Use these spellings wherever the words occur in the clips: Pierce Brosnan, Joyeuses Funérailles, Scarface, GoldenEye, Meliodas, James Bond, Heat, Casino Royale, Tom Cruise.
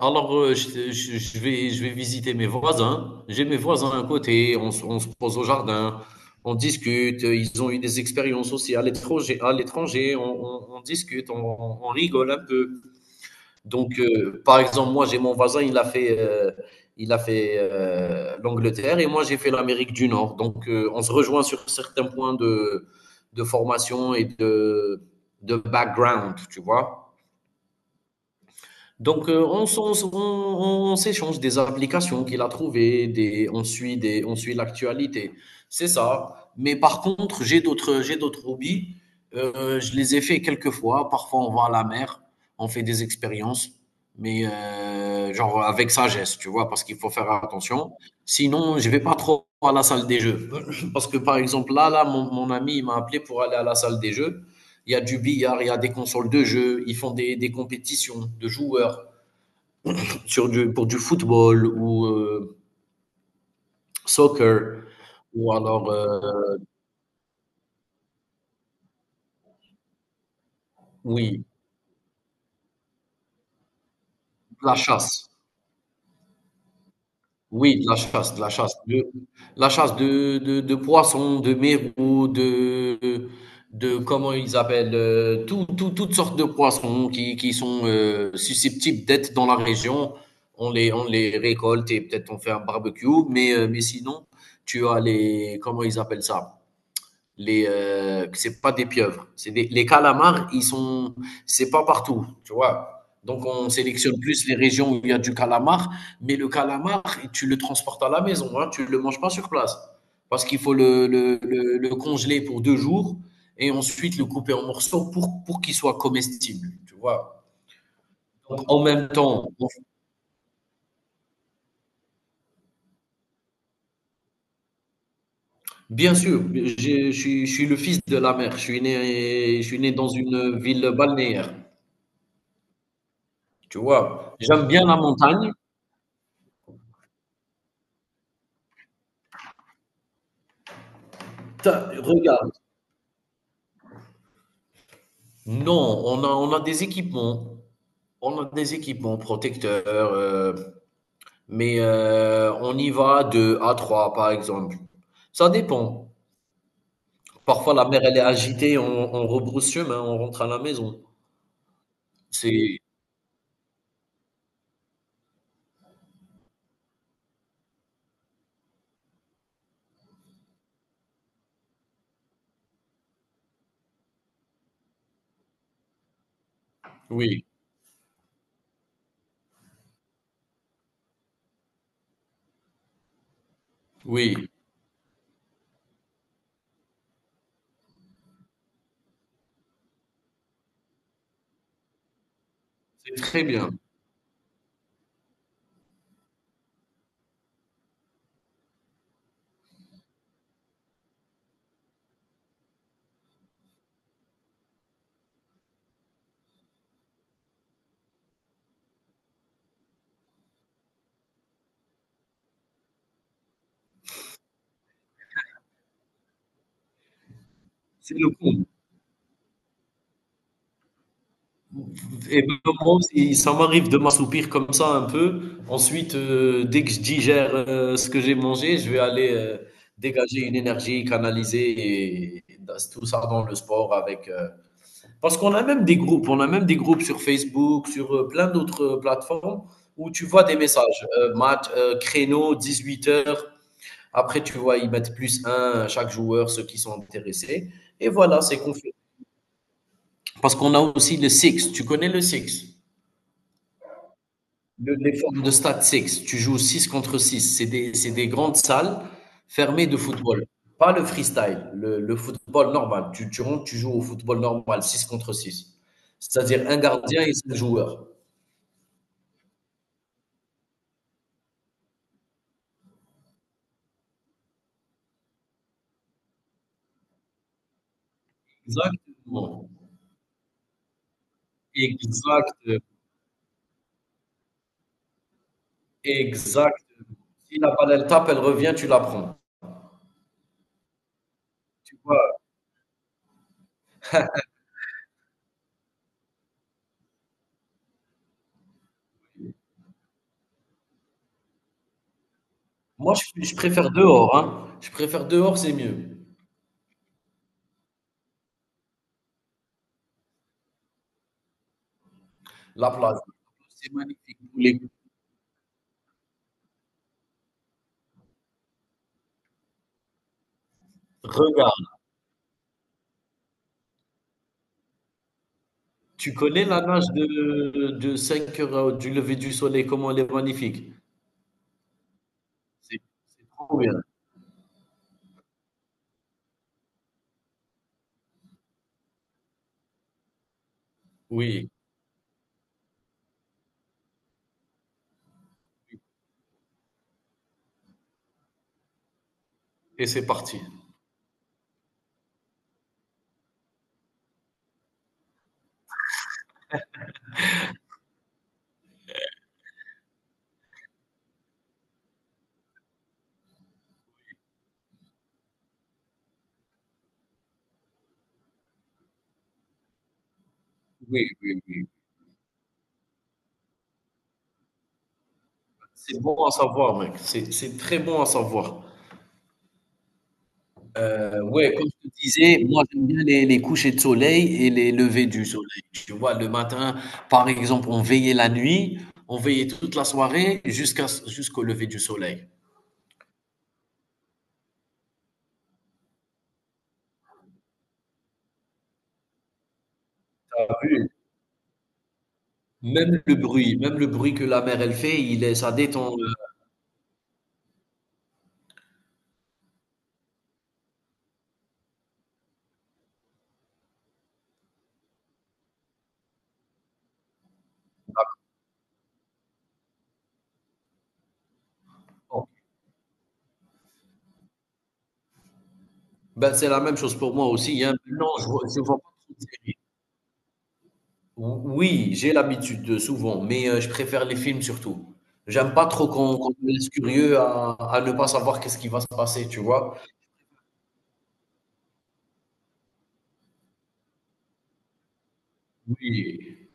Je vais visiter mes voisins. J'ai mes voisins à côté. On se pose au jardin. On discute. Ils ont eu des expériences aussi à l'étranger. À l'étranger, on discute. On rigole un peu. Donc, par exemple, moi, j'ai mon voisin. Il a fait l'Angleterre et moi, j'ai fait l'Amérique du Nord. Donc, on se rejoint sur certains points de formation de background, tu vois. Donc, on s'échange des applications qu'il a trouvées, on suit on suit l'actualité. C'est ça. Mais par contre, j'ai d'autres hobbies. Je les ai fait quelques fois. Parfois, on va à la mer, on fait des expériences, mais genre avec sagesse, tu vois, parce qu'il faut faire attention. Sinon, je vais pas trop à la salle des jeux. Parce que, par exemple, là, mon ami, il m'a appelé pour aller à la salle des jeux. Il y a du billard, il y a des consoles de jeux, ils font des compétitions de joueurs sur pour du football ou soccer, ou alors, oui, la chasse. Oui, de la chasse, la chasse de poissons, de mérous, de comment ils appellent, toutes sortes de poissons qui sont susceptibles d'être dans la région. On les récolte et peut-être on fait un barbecue, mais sinon, tu as les, comment ils appellent ça? Les c'est pas des pieuvres. Les calamars, c'est pas partout, tu vois. Donc on sélectionne plus les régions où il y a du calamar, mais le calamar, tu le transportes à la maison, hein, tu le manges pas sur place, parce qu'il faut le congeler pour 2 jours et ensuite le couper en morceaux pour qu'il soit comestible, tu vois. Donc, en même temps, bien sûr, je suis le fils de la mer. Je suis né dans une ville balnéaire. Tu vois, j'aime bien la montagne. Ta regarde, non, on a des équipements, on a des équipements protecteurs, on y va de à 3 par exemple. Ça dépend. Parfois la mer elle est agitée, on rebrousse chemin, on rentre à la maison. C'est oui, oui, c'est très bien. C'est le coup. Et ben, moi aussi, ça m'arrive de m'assoupir comme ça un peu. Ensuite, dès que je digère ce que j'ai mangé, je vais aller dégager une énergie, canaliser et tout ça dans le sport avec. Parce qu'on a même des groupes, on a même des groupes sur Facebook, sur plein d'autres plateformes où tu vois des messages, match, créneau, 18 heures. Après, tu vois, ils mettent plus un à chaque joueur, ceux qui sont intéressés. Et voilà, c'est qu'on parce qu'on a aussi le six. Tu connais le six? Le- les formes de stade 6, tu joues 6 contre 6. C'est des grandes salles fermées de football. Pas le freestyle, le football normal. Tu rentres, tu joues au football normal, 6 contre 6. C'est-à-dire un gardien et 5 joueurs. Exactement. Exact. Exact. Si la balle, elle tape, elle revient, tu la prends. Tu vois, je préfère dehors. Hein. Je préfère dehors, c'est mieux. La plage, c'est magnifique. Les- Regarde. Tu connais la nage de 5 heures du lever du soleil, comment elle est magnifique. C'est c'est trop bien. Oui, et c'est parti. Oui, oui, oui. C'est bon à savoir, mec. C'est très bon à savoir. Ouais, comme je te disais, moi j'aime bien les couchers de soleil et les levées du soleil. Tu vois, le matin, par exemple, on veillait la nuit, on veillait toute la soirée jusqu'au lever du soleil. T'as vu. Même le bruit que la mer elle fait, il est, ça détend. euh, Ben, c'est la même chose pour moi aussi, hein. Non, je vois pas trop de séries. Oui, j'ai l'habitude, de souvent, mais je préfère les films surtout. J'aime pas trop qu'on me laisse curieux à ne pas savoir qu'est-ce qui va se passer, tu vois? Oui.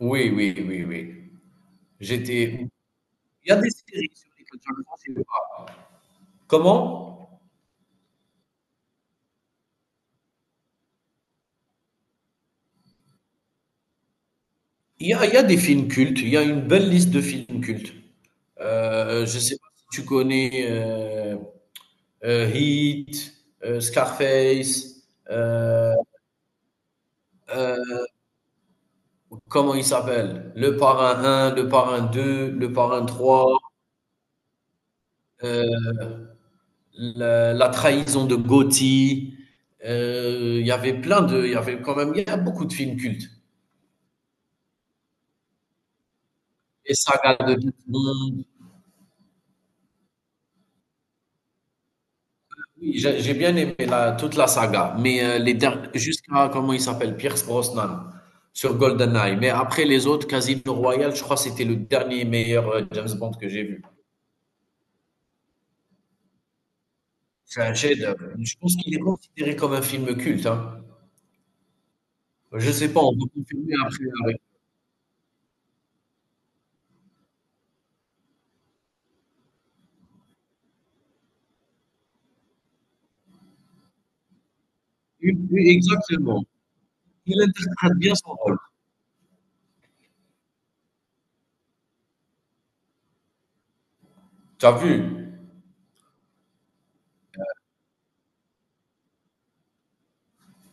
Oui, oui, oui, oui. J'étais il y a des séries sur lesquelles je ne pensais pas. Comment? Il y a des films cultes, il y a une belle liste de films cultes. Je sais pas si tu connais, Heat, Scarface, heu. Comment il s'appelle? Le parrain un, le parrain 2, le parrain 3. euh, la trahison de Gotti. Il y avait plein de. Il y avait quand même il y a beaucoup de films cultes. Et saga de tout le monde. Oui, j'ai bien aimé toute la saga, mais jusqu'à comment il s'appelle, Pierce Brosnan sur GoldenEye. Mais après les autres, Casino Royale, je crois que c'était le dernier meilleur James Bond que j'ai vu. C'est un chef-d'œuvre. Je pense qu'il est considéré comme un film culte. Hein. Je sais pas, on va confirmer après avec oui, exactement. Il interprète bien son rôle. T'as vu?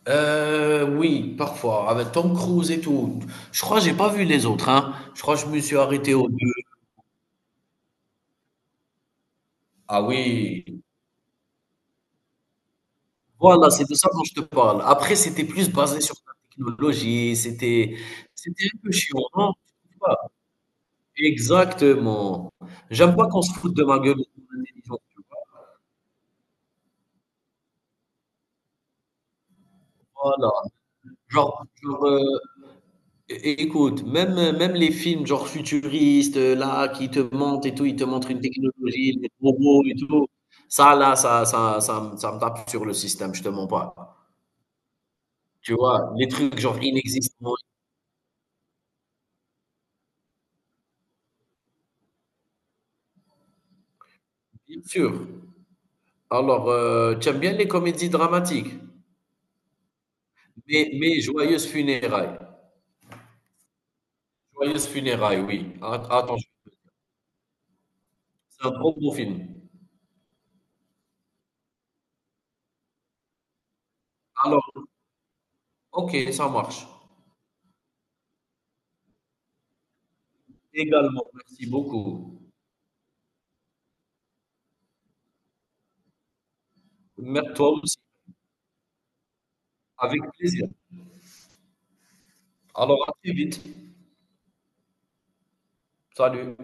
Oui, parfois, avec Tom Cruise et tout. Je crois que j'ai pas vu les autres, hein. Je crois que je me suis arrêté aux 2. Ah oui. Voilà, c'est de ça dont je te parle. Après, c'était plus basé sur la technologie, c'était un peu chiant, non? Tu trouves exactement. J'aime pas qu'on se foute de ma gueule. Voilà, genre heu. Écoute, même les films genre futuristes, là, qui te montrent et tout, ils te montrent une technologie, les robots et tout. Ça, là, ça, ça me tape sur le système, je te mens pas. Tu vois, les trucs genre inexistants, bien sûr. Alors, tu aimes bien les comédies dramatiques, mais Joyeuses Funérailles. Joyeuses Funérailles, oui. Attends, c'est un trop beau film. Alors, ok, ça marche. Également, merci beaucoup. Merci toi aussi, avec plaisir. Alors, à très vite. Salut.